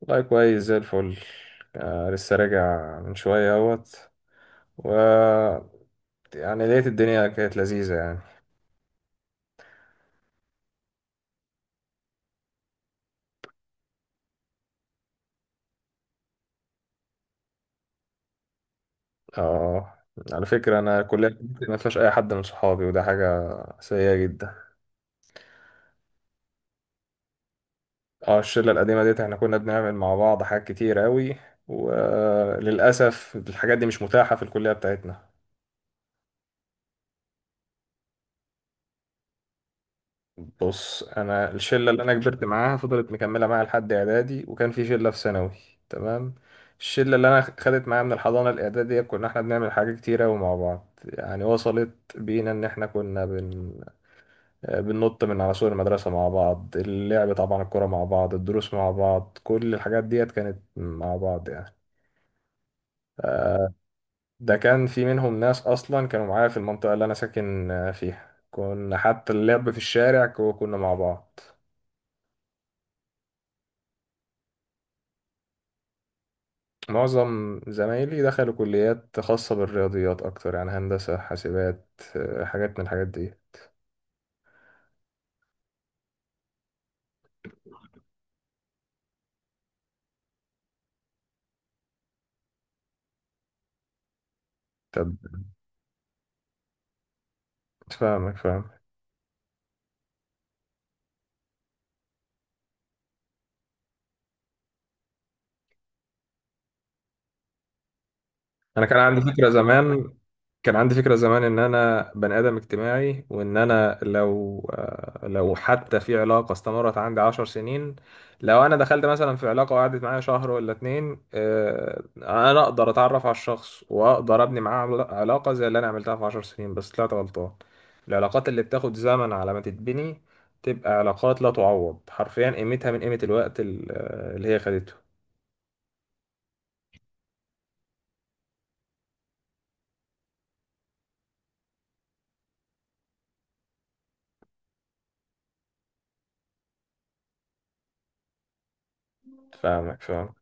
والله كويس زي الفل. آه، لسه راجع من شوية اهوت. و يعني لقيت الدنيا كانت لذيذة يعني. اه، على فكرة أنا الكلية بتاعتي ما فيهاش أي حد من صحابي وده حاجة سيئة جدا. اه، الشلة القديمة ديت احنا كنا بنعمل مع بعض حاجات كتير أوي، وللأسف الحاجات دي مش متاحة في الكلية بتاعتنا. بص انا الشله اللي انا كبرت معاها فضلت مكمله معايا لحد اعدادي، وكان في شله في ثانوي. تمام. الشله اللي انا خدت معايا من الحضانه الاعداديه كنا احنا بنعمل حاجات كتيره قوي مع بعض، يعني وصلت بينا ان احنا كنا بننط من على سور المدرسه مع بعض، اللعب طبعا، الكوره مع بعض، الدروس مع بعض، كل الحاجات ديت كانت مع بعض يعني. ده كان في منهم ناس اصلا كانوا معايا في المنطقه اللي انا ساكن فيها، كنا حتى اللعب في الشارع كنا مع بعض. معظم زمايلي دخلوا كليات خاصة بالرياضيات أكتر، يعني هندسة حاسبات، حاجات من الحاجات دي. طب فاهمك فاهم. أنا كان عندي فكرة زمان كان عندي فكرة زمان إن أنا بني آدم اجتماعي، وإن أنا لو حتى في علاقة استمرت عندي 10 سنين. لو أنا دخلت مثلا في علاقة وقعدت معايا شهر ولا اتنين، أنا أقدر أتعرف على الشخص وأقدر أبني معاه علاقة زي اللي أنا عملتها في 10 سنين، بس طلعت غلطان. العلاقات اللي بتاخد زمن على ما تتبني تبقى علاقات لا تعوض حرفيا، قيمتها من قيمة الوقت اللي هي خدته. فاهمك فاهم.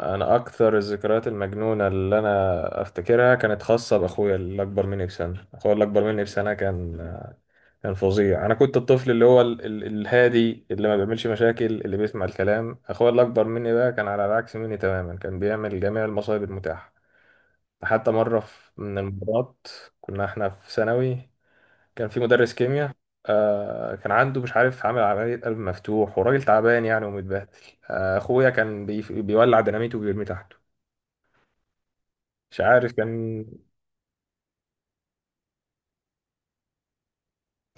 انا اكثر الذكريات المجنونه اللي انا افتكرها كانت خاصه باخويا اللي اكبر مني بسنه. اخويا اللي اكبر مني بسنه كان كان فظيع. انا كنت الطفل اللي هو الهادي اللي ما بيعملش مشاكل، اللي بيسمع الكلام. اخويا اللي اكبر مني بقى كان على العكس مني تماما، كان بيعمل جميع المصايب المتاحه. حتى مره من المرات كنا احنا في ثانوي، كان في مدرس كيمياء. كان عنده مش عارف، عامل عملية قلب مفتوح، وراجل تعبان يعني ومتبهدل. أخويا كان بيولع ديناميت وبيرميه تحت. مش عارف كان.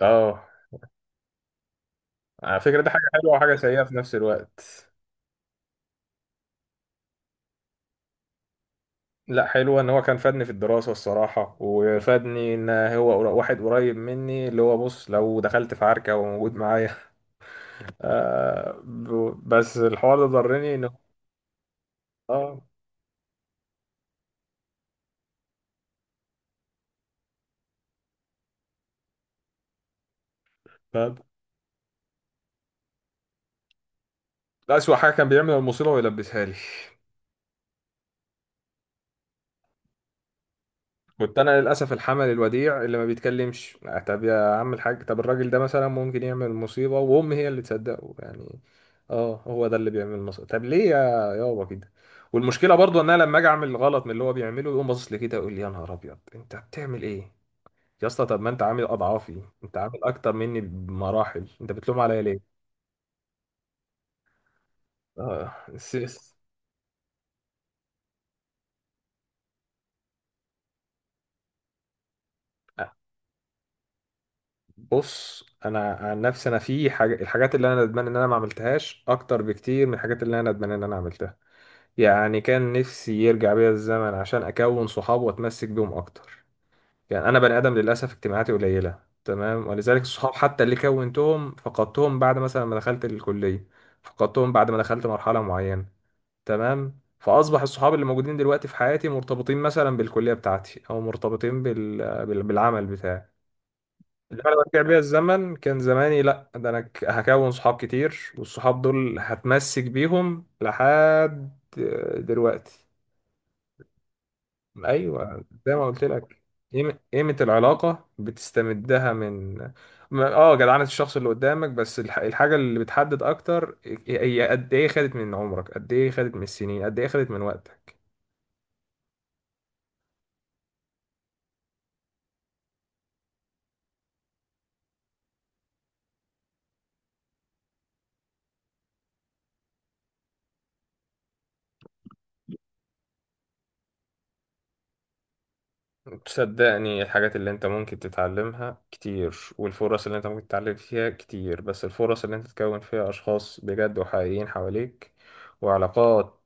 اه، على فكرة ده حاجة حلوة وحاجة سيئة في نفس الوقت. لا، حلوة ان هو كان فادني في الدراسة الصراحة، وفادني ان هو واحد قريب مني، اللي هو بص لو دخلت في عركة وموجود معايا بس الحوار ده ضرني ان، اه، ف- ده أسوأ حاجة، كان بيعمل المصيبة ويلبسها لي. كنت انا للاسف الحمل الوديع اللي ما بيتكلمش. طب يا عم الحاج، طب الراجل ده مثلا ممكن يعمل مصيبه، وام هي اللي تصدقه يعني. اه، هو ده اللي بيعمل مصيبه، طب ليه يا، يابا كده. والمشكله برضو ان انا لما اجي اعمل غلط من اللي هو بيعمله يقوم باصص لي كده، يقول لي يا نهار ابيض انت بتعمل ايه يا اسطى. طب ما انت عامل اضعافي، انت عامل اكتر مني بمراحل، انت بتلوم عليا ليه؟ اه، سيس. بص انا عن نفسي، انا في حاجه، الحاجات اللي انا ندمان ان انا ما عملتهاش اكتر بكتير من الحاجات اللي انا ندمان ان انا عملتها. يعني كان نفسي يرجع بيا الزمن عشان أكون صحاب وأتمسك بيهم أكتر. يعني أنا بني آدم للأسف اجتماعاتي قليلة. تمام، ولذلك الصحاب حتى اللي كونتهم فقدتهم بعد مثلا ما دخلت الكلية. فقدتهم بعد ما دخلت مرحلة معينة. تمام، فأصبح الصحاب اللي موجودين دلوقتي في حياتي مرتبطين مثلا بالكلية بتاعتي، أو مرتبطين بالعمل بتاعي. لو أنا رجع بيا الزمن كان زماني لأ، ده أنا هكون صحاب كتير، والصحاب دول هتمسك بيهم لحد دلوقتي. ايوه، زي ما قلت لك. قيمة، قيمة العلاقة بتستمدها من، جدعنة الشخص اللي قدامك، بس الحاجة اللي بتحدد اكتر هي قد ايه خدت من عمرك، قد ايه خدت من السنين، قد ايه خدت من وقتك. تصدقني الحاجات اللي انت ممكن تتعلمها كتير، والفرص اللي انت ممكن تتعلم فيها كتير، بس الفرص اللي انت تكون فيها اشخاص بجد وحقيقيين حواليك وعلاقات،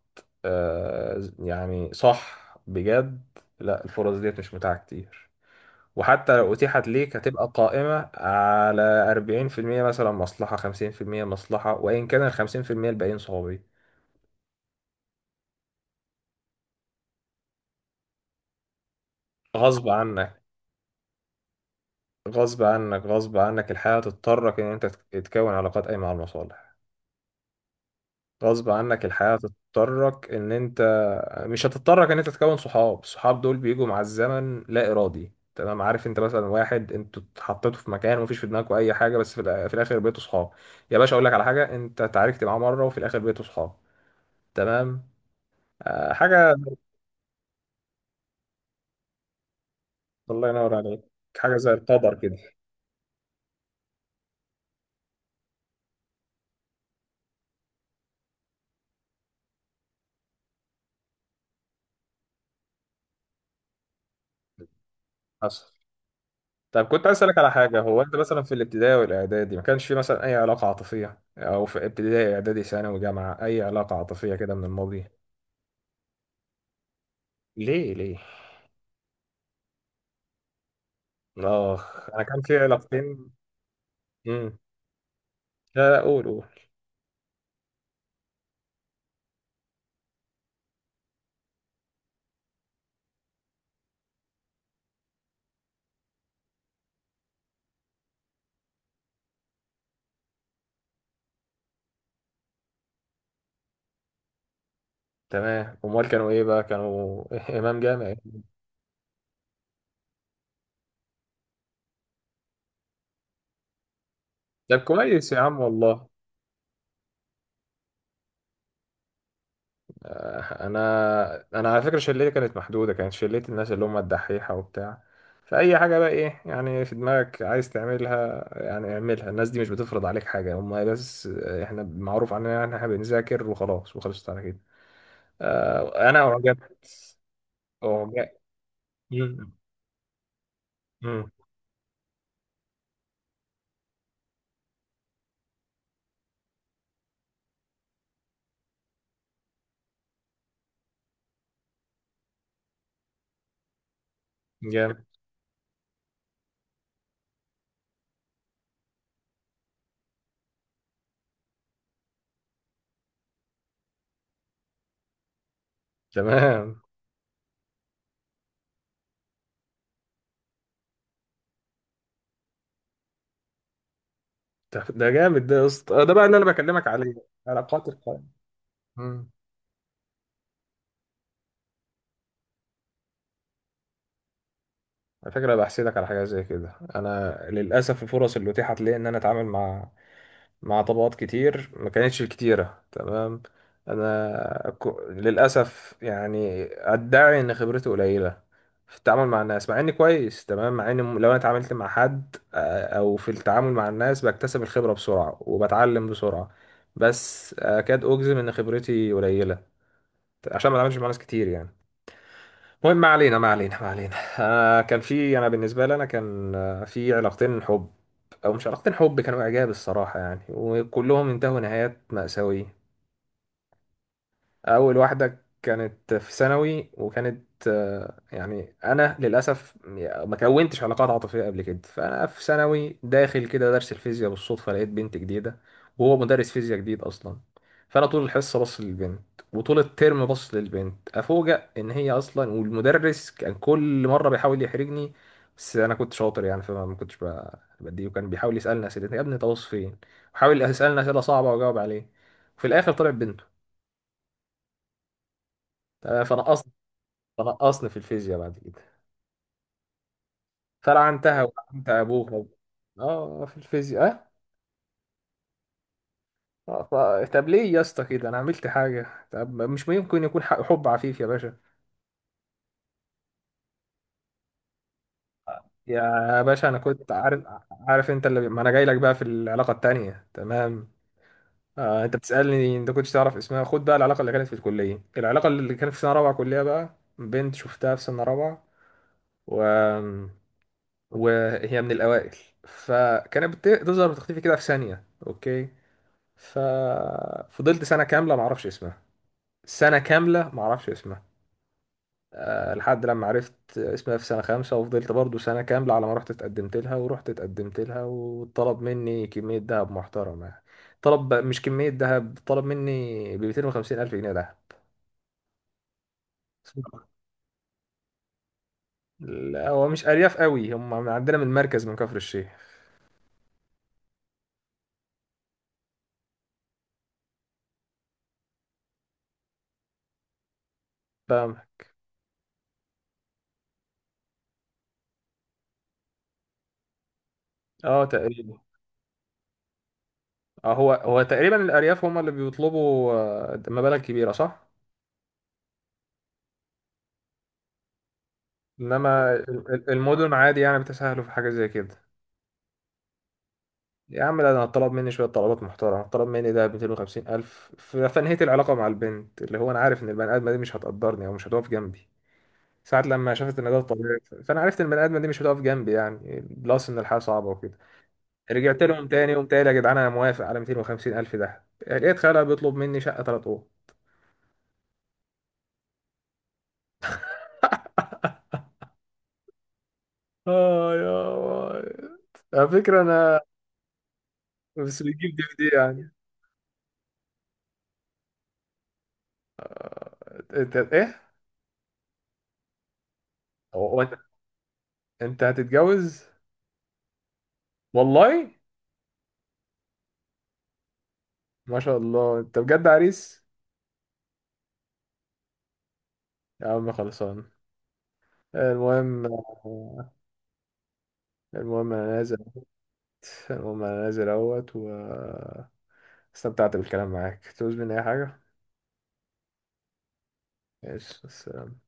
آه يعني صح بجد، لا الفرص ديت مش متاحة كتير. وحتى لو أتيحت ليك هتبقى قائمة على 40% مثلا مصلحة، 50% مصلحة، وإن كان ال 50% الباقيين صحابي غصب عنك. غصب عنك، غصب عنك الحياة تضطرك إن أنت تكون علاقات قايمة على المصالح. غصب عنك الحياة تضطرك إن أنت، مش هتضطرك إن أنت تكون صحاب، الصحاب دول بيجوا مع الزمن لا إرادي. تمام. عارف أنت مثلا واحد أنتوا اتحطيتوا في مكان ومفيش في دماغكوا أي حاجة، بس في الآخر بقيتوا صحاب. يا باشا أقول لك على حاجة، أنت اتعاركت معاه مرة وفي الآخر بقيتوا صحاب. تمام. حاجة. الله ينور عليك. حاجة زي القدر كده. حصل. طب كنت عايز أسألك على حاجة، هو أنت مثلا في الابتدائي والإعدادي ما كانش في مثلا أي علاقة عاطفية؟ أو في ابتدائي إعدادي ثانوي جامعة أي علاقة عاطفية كده من الماضي؟ ليه ليه. آخ، أنا كان في علاقتين. امم. لا لا، قول قول. تمام، أمال كانوا إيه بقى؟ كانوا إمام جامعي. طب كويس يا عم والله. انا على فكره شلتي كانت محدوده، كانت شلتي الناس اللي هم الدحيحه وبتاع. فاي حاجه بقى ايه يعني في دماغك عايز تعملها، يعني اعملها، الناس دي مش بتفرض عليك حاجه هم بس. احنا معروف عننا ان احنا بنذاكر وخلاص، وخلصت على كده. انا اعجبت. مم. مم. جامد. تمام. ده ده جامد ده يا اسطى. ده بقى اللي انا بكلمك عليه، علاقات القائمة. امم على فكرة بحسدك على حاجة زي كده. أنا للأسف الفرص اللي أتيحت لي إن أنا أتعامل مع، مع طبقات كتير، ما كانتش الكتيرة. تمام. أنا للأسف يعني أدعي إن خبرتي قليلة في التعامل مع الناس، مع إني كويس، تمام، مع إني لو أنا اتعاملت مع حد، أو في التعامل مع الناس بكتسب الخبرة بسرعة وبتعلم بسرعة، بس أكاد أجزم إن خبرتي قليلة عشان ما بتعاملش مع ناس كتير يعني. المهم، ما علينا، ما علينا، ما علينا. آه، كان في أنا بالنسبة لي أنا كان، في علاقتين حب، او مش علاقة حب، كانوا اعجاب الصراحة يعني، وكلهم انتهوا نهايات مأساوية. اول واحده كانت في ثانوي وكانت، يعني انا للاسف ما كونتش علاقات عاطفيه قبل كده. فانا في ثانوي داخل كده درس الفيزياء بالصدفه لقيت بنت جديده، وهو مدرس فيزياء جديد اصلا. فانا طول الحصه بص للبنت، وطول الترم بص للبنت. افوجئ ان هي اصلا، والمدرس كان كل مره بيحاول يحرجني، بس انا كنت شاطر يعني. فما ما كنتش بديه. وكان بيحاول يسالني اسئله، يا ابني انت باصص فين، وحاول يسالني اسئله صعبه واجاوب عليه. وفي الاخر طلع بنته. فانا فنقصني في الفيزياء بعد كده، فلعنتها ولعنت ابوها. اه في الفيزياء. اه طب ليه يا اسطى كده؟ انا عملت حاجه؟ طب مش ممكن يكون حب عفيف يا باشا؟ يا باشا انا كنت عارف. عارف انت اللي، ما انا جاي لك بقى في العلاقه التانية. تمام. انت بتسالني انت كنتش تعرف اسمها؟ خد بقى العلاقه اللي كانت في الكليه. العلاقه اللي كانت في سنه رابعه كليه بقى، بنت شفتها في سنه رابعه و... وهي من الاوائل. فكانت بتظهر وتختفي كده في ثانيه، اوكي. ففضلت سنة كاملة معرفش اسمها، سنة كاملة معرفش اسمها. لحد لما عرفت اسمها في سنة خامسة، وفضلت برضو سنة كاملة على ما رحت اتقدمت لها. ورحت اتقدمت لها وطلب مني كمية دهب محترمة يعني. طلب، مش كمية دهب، طلب مني ب 250 ألف جنيه دهب. لا، هو مش أرياف قوي، هم من عندنا من المركز من كفر الشيخ. فاهم. اه تقريبا. هو هو تقريبا الأرياف هم اللي بيطلبوا مبالغ كبيرة، صح؟ انما المدن عادي يعني بتسهلوا في حاجه زي كده. يا عم لا، ده انا طلب مني شويه طلبات محترمه. طلب مني ده 250 الف، فانهيت العلاقه مع البنت اللي هو، انا عارف ان البني ادمه دي مش هتقدرني او مش هتقف جنبي. ساعة لما شافت ان ده طبيعي، فانا عرفت ان البني ادمه دي مش هتقف جنبي يعني، بلس ان الحياه صعبه وكده. رجعت لهم تاني، قمت قايل يا جدعان انا موافق على 250 الف. ده لقيت خالها بيطلب مني شقه 3 اوض. اه يا واد. على فكرة انا، بس بتجيب دي في دي يعني. انت ايه؟ هو انت هتتجوز؟ والله. ما شاء الله انت بجد عريس. يا عم خلصان. المهم. المهم انا نازل. المهم انا نازل اهوت، واستمتعت بالكلام معاك. تعوز مني اي حاجة؟ ماشي، السلام.